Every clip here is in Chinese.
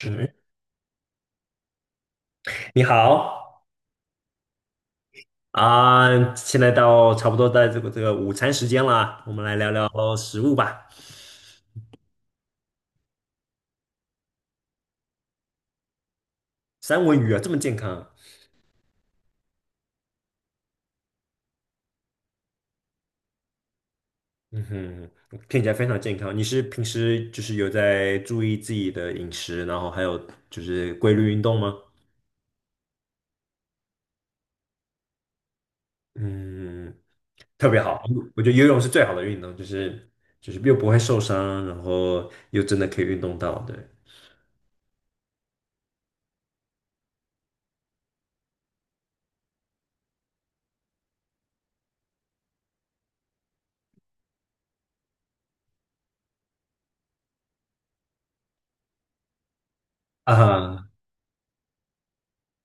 嗯，你好啊，现在到差不多在这个午餐时间啦，我们来聊聊食物吧。三文鱼啊，这么健康，嗯哼，听起来非常健康。你是平时就是有在注意自己的饮食，然后还有就是规律运动吗？嗯，特别好，我觉得游泳是最好的运动，就是又不会受伤，然后又真的可以运动到，对啊，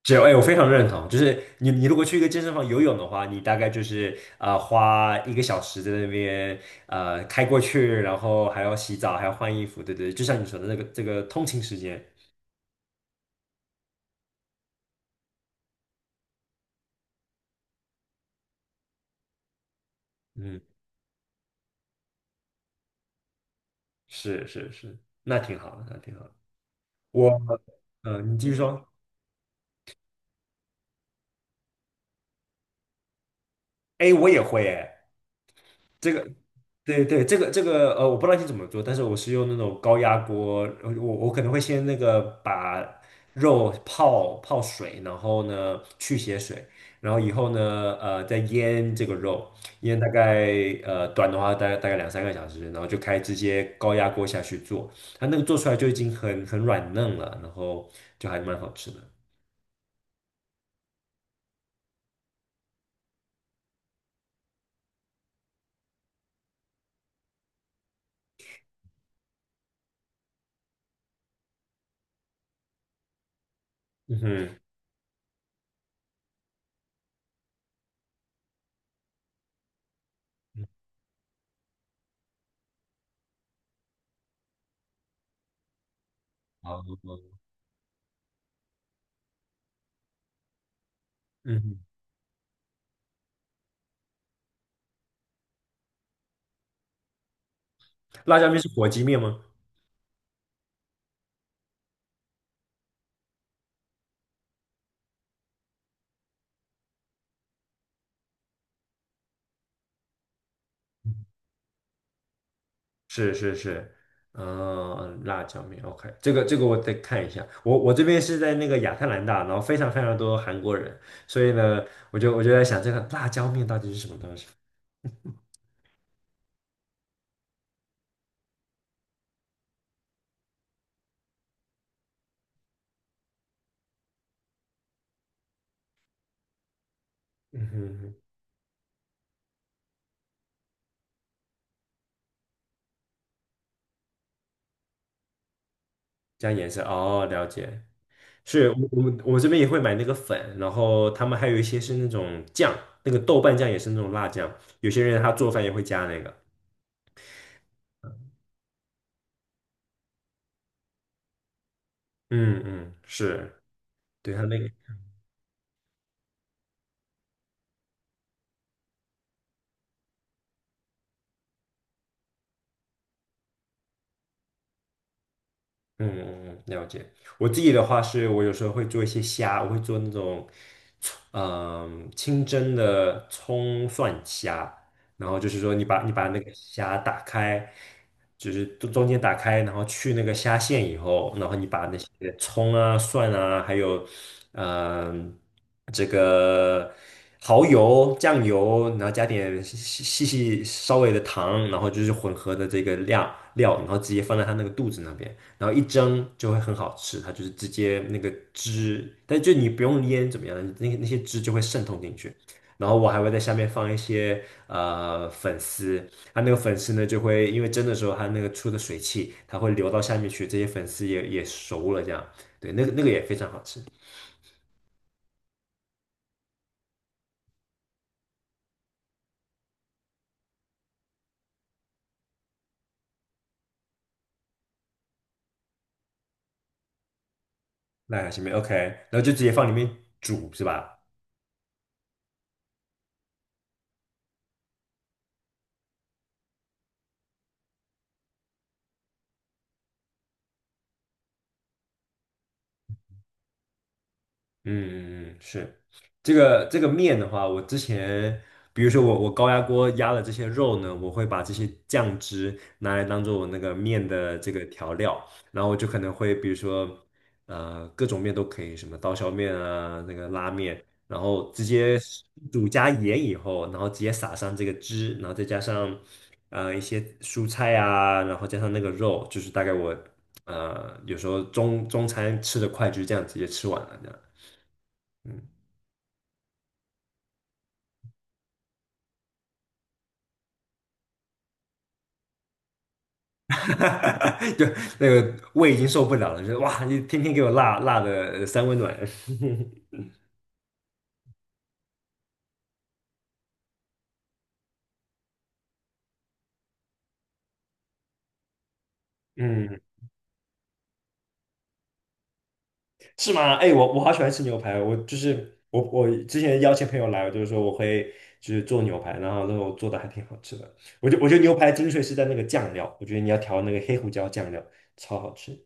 只有哎，我非常认同，就是你如果去一个健身房游泳的话，你大概就是花一个小时在那边开过去，然后还要洗澡，还要换衣服，对对，就像你说的那个这个通勤时间，嗯，是是是，那挺好的，那挺好的。我你继续说，哎，我也会哎，这个，对对，这个这个，我不知道你怎么做，但是我是用那种高压锅，我我可能会先那个把肉泡泡水，然后呢去血水，然后以后呢再腌这个肉，腌大概短的话大概2、3个小时，然后就开直接高压锅下去做，它那个做出来就已经很软嫩了，然后就还蛮好吃的。嗯哼，好，嗯哼，辣椒面是火鸡面吗？是是是，嗯，辣椒面，OK，这个这个我得看一下。我我这边是在那个亚特兰大，然后非常非常多韩国人，所以呢，我就在想这个辣椒面到底是什么东西？嗯哼哼，加颜色，哦，了解。是我这边也会买那个粉，然后他们还有一些是那种酱，那个豆瓣酱也是那种辣酱，有些人他做饭也会加那个。嗯嗯，是，对他那个。嗯嗯嗯，了解。我自己的话是，我有时候会做一些虾，我会做那种清蒸的葱蒜虾。然后就是说，你把那个虾打开，就是中中间打开，然后去那个虾线以后，然后你把那些葱啊、蒜啊，还有嗯、这个蚝油、酱油，然后加点细细细稍微的糖，然后就是混合的这个量料，然后直接放在它那个肚子那边。然后一蒸就会很好吃，它就是直接那个汁，但就你不用腌怎么样，那那些汁就会渗透进去。然后我还会在下面放一些粉丝，它那个粉丝呢就会因为蒸的时候它那个出的水汽，它会流到下面去，这些粉丝也也熟了这样，对，那个那个也非常好吃。那下面 OK，然后就直接放里面煮是吧？嗯嗯嗯，是这个这个面的话，我之前比如说我高压锅压了这些肉呢，我会把这些酱汁拿来当做我那个面的这个调料，然后我就可能会比如说各种面都可以，什么刀削面啊，那个拉面，然后直接煮加盐以后，然后直接撒上这个汁，然后再加上一些蔬菜啊，然后加上那个肉，就是大概我有时候中中餐吃的快，就是这样直接吃完了这样。嗯，就那个胃已经受不了了，就是哇，你天天给我辣辣的三温暖，嗯，是吗？哎，我我好喜欢吃牛排，我就是我之前邀请朋友来，我就是说我会就是做牛排，然后那种做的还挺好吃的。我觉得牛排精髓是在那个酱料，我觉得你要调那个黑胡椒酱料，超好吃。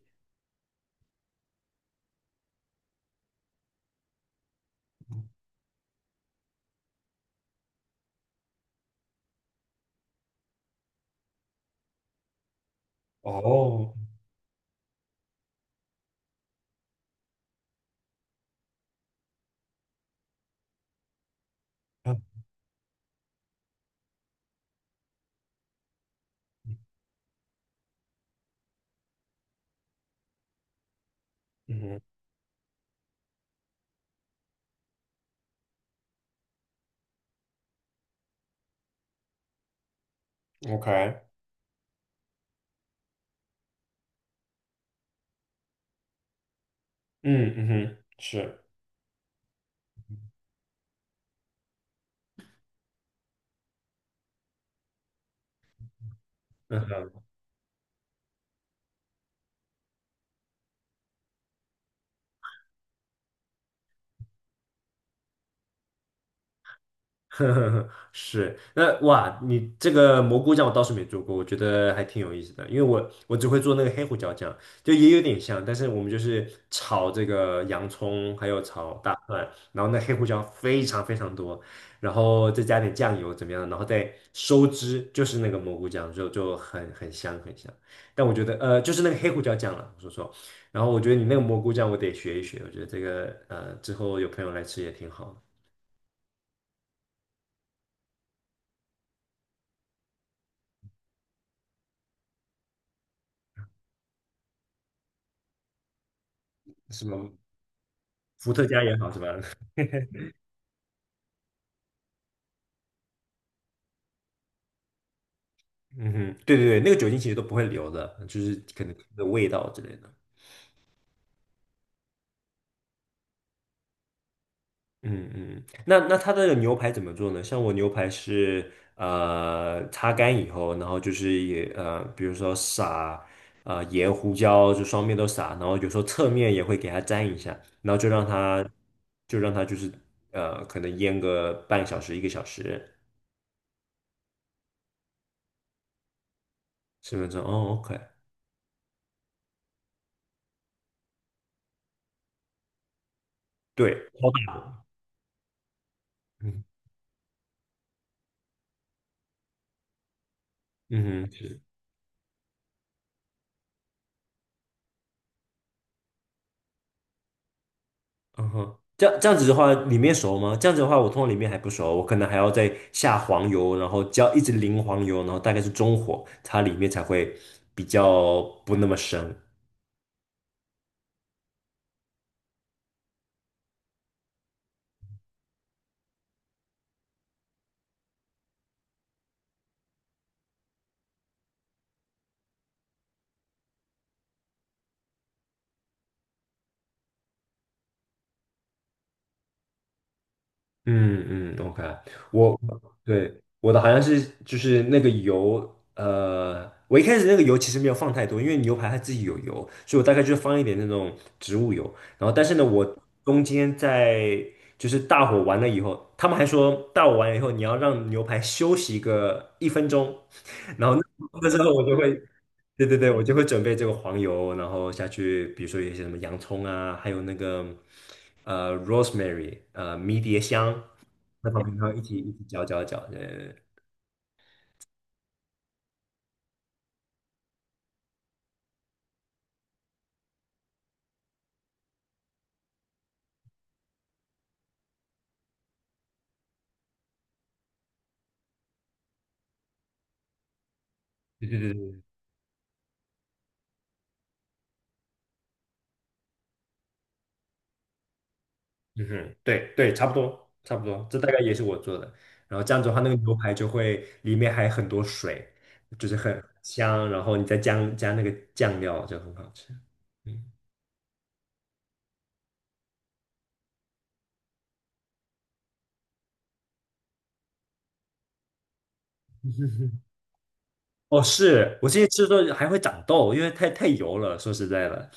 哦，啊嗯哼，OK，嗯嗯哼，是。嗯。呵呵呵，是，那哇，你这个蘑菇酱我倒是没做过，我觉得还挺有意思的，因为我我只会做那个黑胡椒酱，就也有点像，但是我们就是炒这个洋葱，还有炒大蒜，然后那黑胡椒非常非常多，然后再加点酱油怎么样，然后再收汁，就是那个蘑菇酱，就很很香很香。但我觉得就是那个黑胡椒酱了，我说错，然后我觉得你那个蘑菇酱我得学一学，我觉得这个之后有朋友来吃也挺好什么？伏特加也好是吧？嗯哼，对对对，那个酒精其实都不会留的，就是可能的味道之类的。嗯嗯，那那它的牛排怎么做呢？像我牛排是擦干以后，然后就是比如说撒盐、胡椒，就双面都撒，然后有时候侧面也会给它沾一下，然后就让它就是可能腌个半小时、一个小时、10分钟。哦，OK，对，超大的，嗯嗯哼，是。嗯哼，这样这样子的话，里面熟吗？这样子的话，我通常里面还不熟，我可能还要再下黄油，然后浇一直淋黄油，然后大概是中火，它里面才会比较不那么生。嗯嗯，OK，我对我的好像是就是那个油，我一开始那个油其实没有放太多，因为牛排它自己有油，所以我大概就放一点那种植物油。然后，但是呢，我中间在就是大火完了以后，他们还说大火完了以后你要让牛排休息个1分钟，然后那时候我就会。对对对，我就会准备这个黄油，然后下去，比如说有一些什么洋葱啊，还有那个rosemary，迷迭香，在旁边然后一起搅搅搅，对对对对对，嗯哼，对对，差不多差不多，这大概也是我做的。然后这样子的话，那个牛排就会里面还很多水，就是很香，然后你再加那个酱料就很好吃。嗯，哦，是我之前吃的时候还会长痘，因为太太油了，说实在的。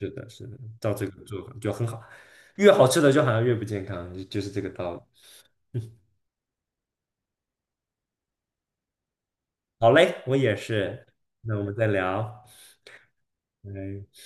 是的，是的，照这个做法就很好，越好吃的就好像越不健康，就是这个道理。好嘞，我也是，那我们再聊，拜。